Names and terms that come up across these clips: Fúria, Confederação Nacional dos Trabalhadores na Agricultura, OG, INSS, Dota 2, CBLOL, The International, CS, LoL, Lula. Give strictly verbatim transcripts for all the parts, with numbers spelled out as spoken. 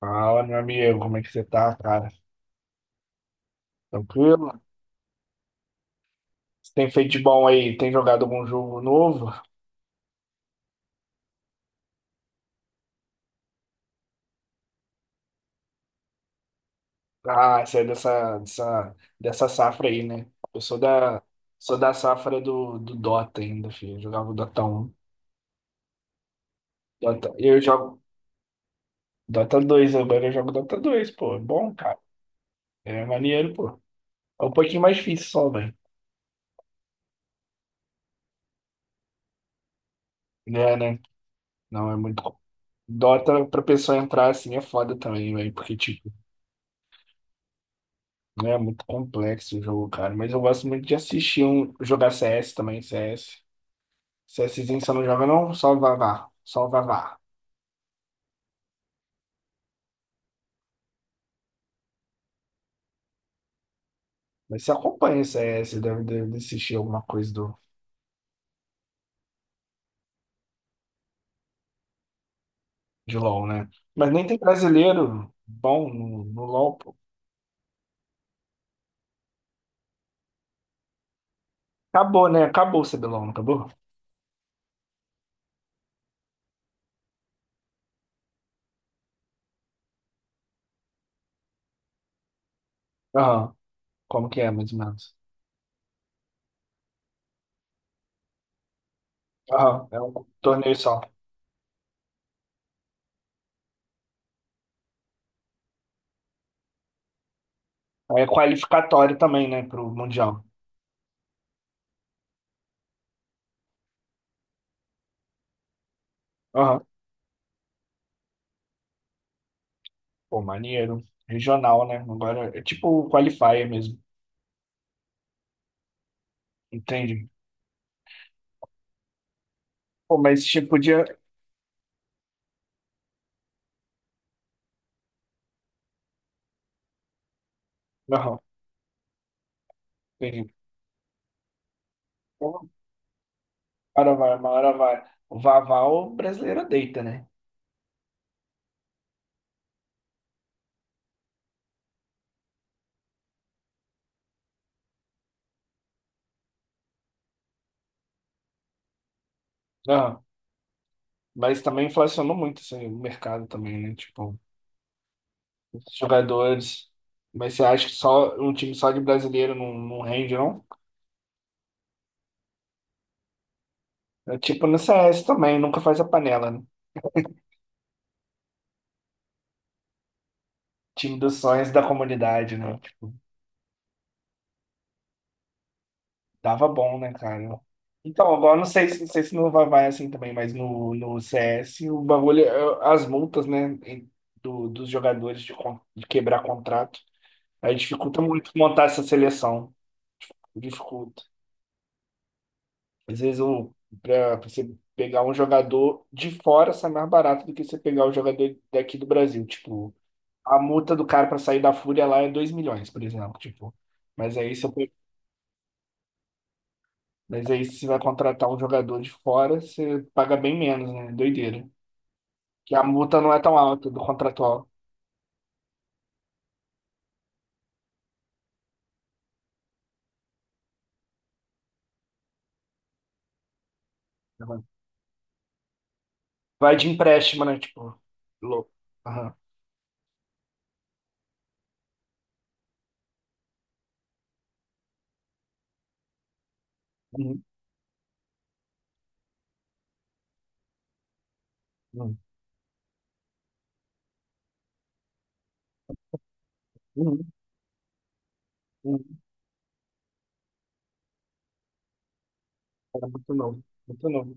Fala, meu amigo, como é que você tá, cara? Tranquilo? Você tem feito de bom aí? Tem jogado algum jogo novo? Ah, você é dessa, dessa, dessa safra aí, né? Eu sou da, sou da safra do, do Dota ainda, filho. Eu jogava o Dota um. Dota, eu jogo Dota dois, agora eu jogo Dota dois, pô. É bom, cara. É maneiro, pô. É um pouquinho mais difícil só, velho. É, né? Não, é muito. Dota pra pessoa entrar assim é foda também, velho. Porque, tipo, né, é muito complexo o jogo, cara. Mas eu gosto muito de assistir um jogar C S também, C S. CSzinho você não joga, não? Só o Vavá. Só o Vavá. Mas você acompanha o C S, deve, deve assistir alguma coisa do, de LoL, né? Mas nem tem brasileiro bom no, no LoL, pô. Acabou, né? Acabou o C B L O L, não acabou? Aham. Como que é, mais ou menos? Aham. É um torneio só. Aí é qualificatório também, né? Pro Mundial. Aham. Pô, maneiro. Regional, né? Agora é tipo qualifier mesmo. Entende? Pô, mas tipo, podia. Aham, entendi. Uma hora vai, uma hora vai. O Vaval o brasileiro deita, né? Aham. Mas também inflacionou muito assim, o mercado também, né? Tipo, os jogadores. Mas você acha que só um time só de brasileiro não, não rende, não? É tipo no C S também, nunca faz a panela, né? Time dos sonhos da comunidade, né? Tipo, dava bom, né, cara? Então, agora não sei, se- não sei se no vai vai assim também, mas no, no C S o bagulho, é- as multas, né, em- do, dos jogadores de, con- de quebrar contrato, aí dificulta muito montar essa seleção, dificulta. Às vezes o, pra, pra você pegar um jogador de fora sai mais barato do que você pegar o jogador daqui do Brasil, tipo, a multa do cara pra sair da Fúria lá é dois milhões, por exemplo, tipo. Mas aí se eu Mas aí, se vai contratar um jogador de fora, você paga bem menos, né? Doideira. Que a multa não é tão alta do contratual. Aham. Vai de empréstimo, né? Tipo, louco. Aham. Uhum, uhum, uhum, uhum. Era muito novo. Muito novo.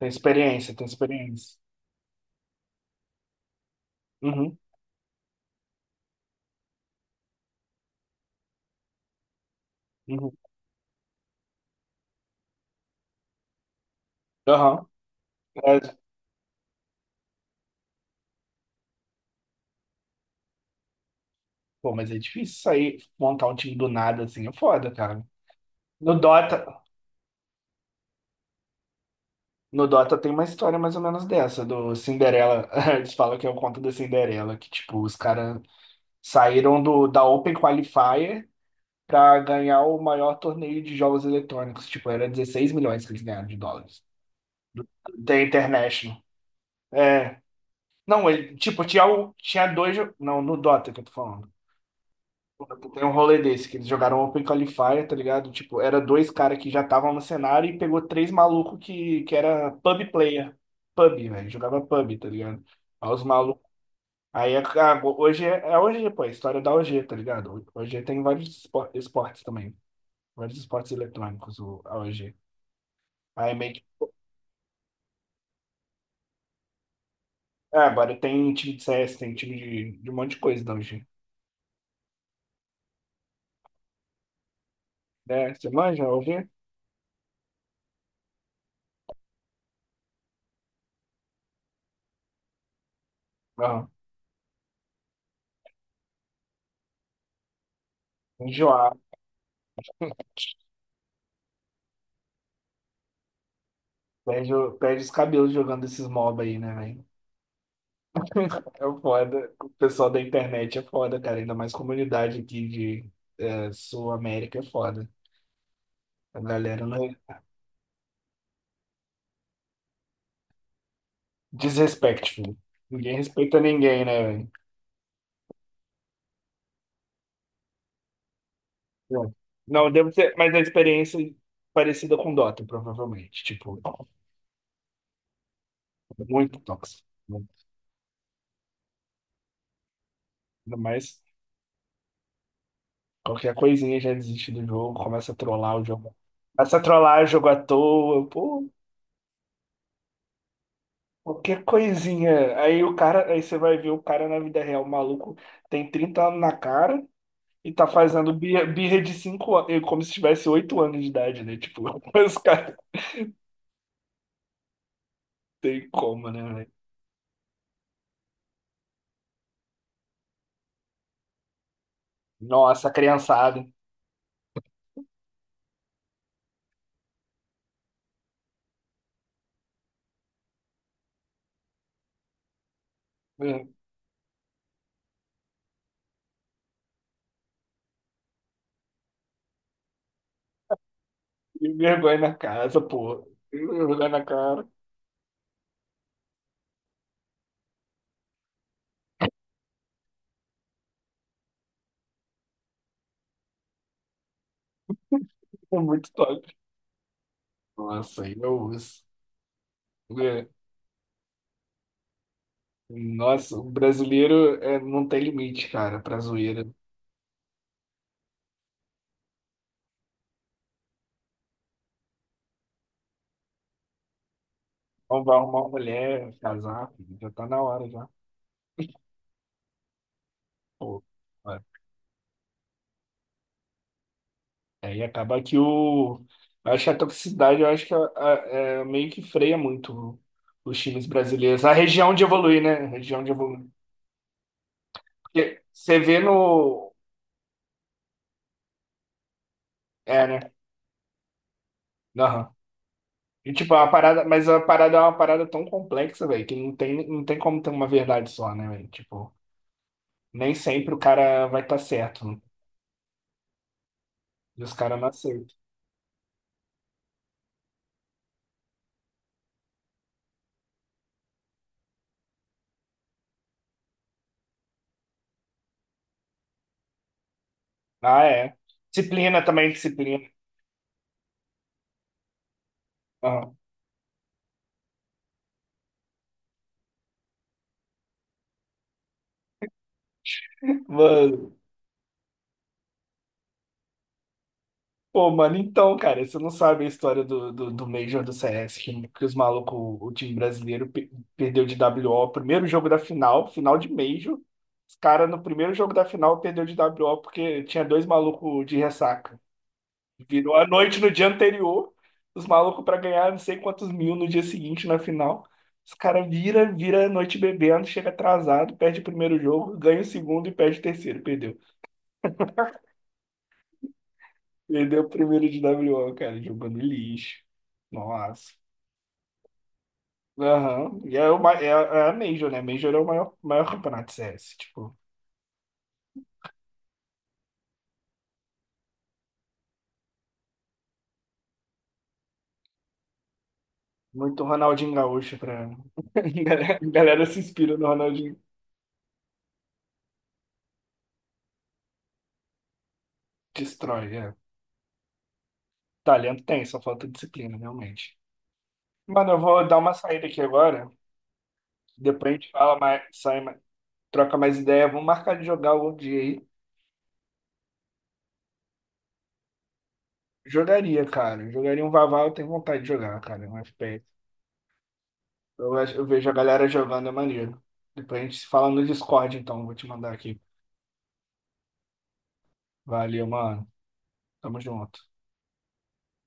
Tem experiência, tem experiência. Uhum, uhum. Aham. Mas, Pô, mas é difícil sair, montar um time do nada assim. É foda, cara. No Dota, no Dota tem uma história mais ou menos dessa, do Cinderela. Eles falam que é o conto da Cinderela, que, tipo, os caras saíram do, da Open Qualifier para ganhar o maior torneio de jogos eletrônicos. Tipo, era dezesseis milhões que eles ganharam de dólares. The International. É. Não, ele, tipo, tinha, o, tinha dois. jo- Não, no Dota que eu tô falando. Tem um rolê desse, que eles jogaram Open Qualifier, tá ligado? Tipo, era dois caras que já estavam no cenário e pegou três malucos que, que era pub player. Pub, velho. Jogava pub, tá ligado? Aí os malucos. Aí é, ah, hoje é, é O G, pô, é a história da O G, tá ligado? O G tem vários espo- esportes também. Vários esportes eletrônicos, o, a O G. Aí meio que... Ah, agora tem time de C S, tem time de, de um monte de coisa da O G. É, você manja, a O G? Não. Enjoar. Perde, o- perde os cabelos jogando esses mob aí, né, velho? É foda. O pessoal da internet é foda, cara. Ainda mais comunidade aqui de é, Sul América é foda. A galera não é... Desrespeito, filho. Ninguém respeita ninguém, né, velho? Bom, não, deve ter... Mas a experiência é parecida com Dota, provavelmente. Tipo, muito tóxico. Ainda mais qualquer coisinha já desiste do jogo, começa a trollar o jogo. Começa a trollar o jogo à toa, pô, qualquer coisinha. Aí o cara, aí você vai ver o cara na vida real, o maluco tem trinta anos na cara e tá fazendo birra, birra de cinco anos, como se tivesse oito anos de idade, né? Tipo, os caras tem como, né, velho? Nossa, criançada, né? E vergonha na casa, pô. E vergonha na cara. É muito top. Nossa, aí eu uso. É. Nossa, o brasileiro é, não tem limite, cara, pra zoeira. Então vai arrumar uma mulher, casar, filho, já tá na hora já. Pô, é. Aí acaba que o. Eu acho que a toxicidade, eu acho que a- a- é, meio que freia muito os times brasileiros. A região de evoluir, né? A região de evoluir. Porque você vê no. É, né? Aham. E, tipo, a parada, mas a parada é uma parada tão complexa, velho, que não tem, não tem como ter uma verdade só, né, velho? Tipo, nem sempre o cara vai estar certo, né? E os caras não aceitam. Ah, é. Disciplina também, disciplina. Aham. Mano. Pô, mano, então, cara, você não sabe a história do, do, do Major do C S, que, que os malucos, o time brasileiro, pe- perdeu de W O, primeiro jogo da final, final de Major. Os caras, no primeiro jogo da final, perdeu de W O porque tinha dois malucos de ressaca. Virou a noite no dia anterior, os malucos pra ganhar não sei quantos mil no dia seguinte na final. Os caras vira, vira a noite bebendo, chega atrasado, perde o primeiro jogo, ganha o segundo e perde o terceiro, perdeu. Perdeu o primeiro de w WO, cara, jogando lixo. Nossa. Aham. E é, o, ma- é, é a Major, né? Major é o maior, maior campeonato de C S. Tipo, muito Ronaldinho Gaúcho pra. A Galera, a galera se inspira no Ronaldinho. Destrói, é. Talento tem, só falta disciplina, realmente. Mano, eu vou dar uma saída aqui agora. Depois a gente fala mais, sai, mais- troca mais ideia. Vamos marcar de jogar outro dia aí. Jogaria, cara. Jogaria um Vavá, eu tenho vontade de jogar, cara. Um F P S. Eu, acho- eu vejo a galera jogando, é maneiro. Depois a gente se fala no Discord, então. Vou te mandar aqui. Valeu, mano. Tamo junto.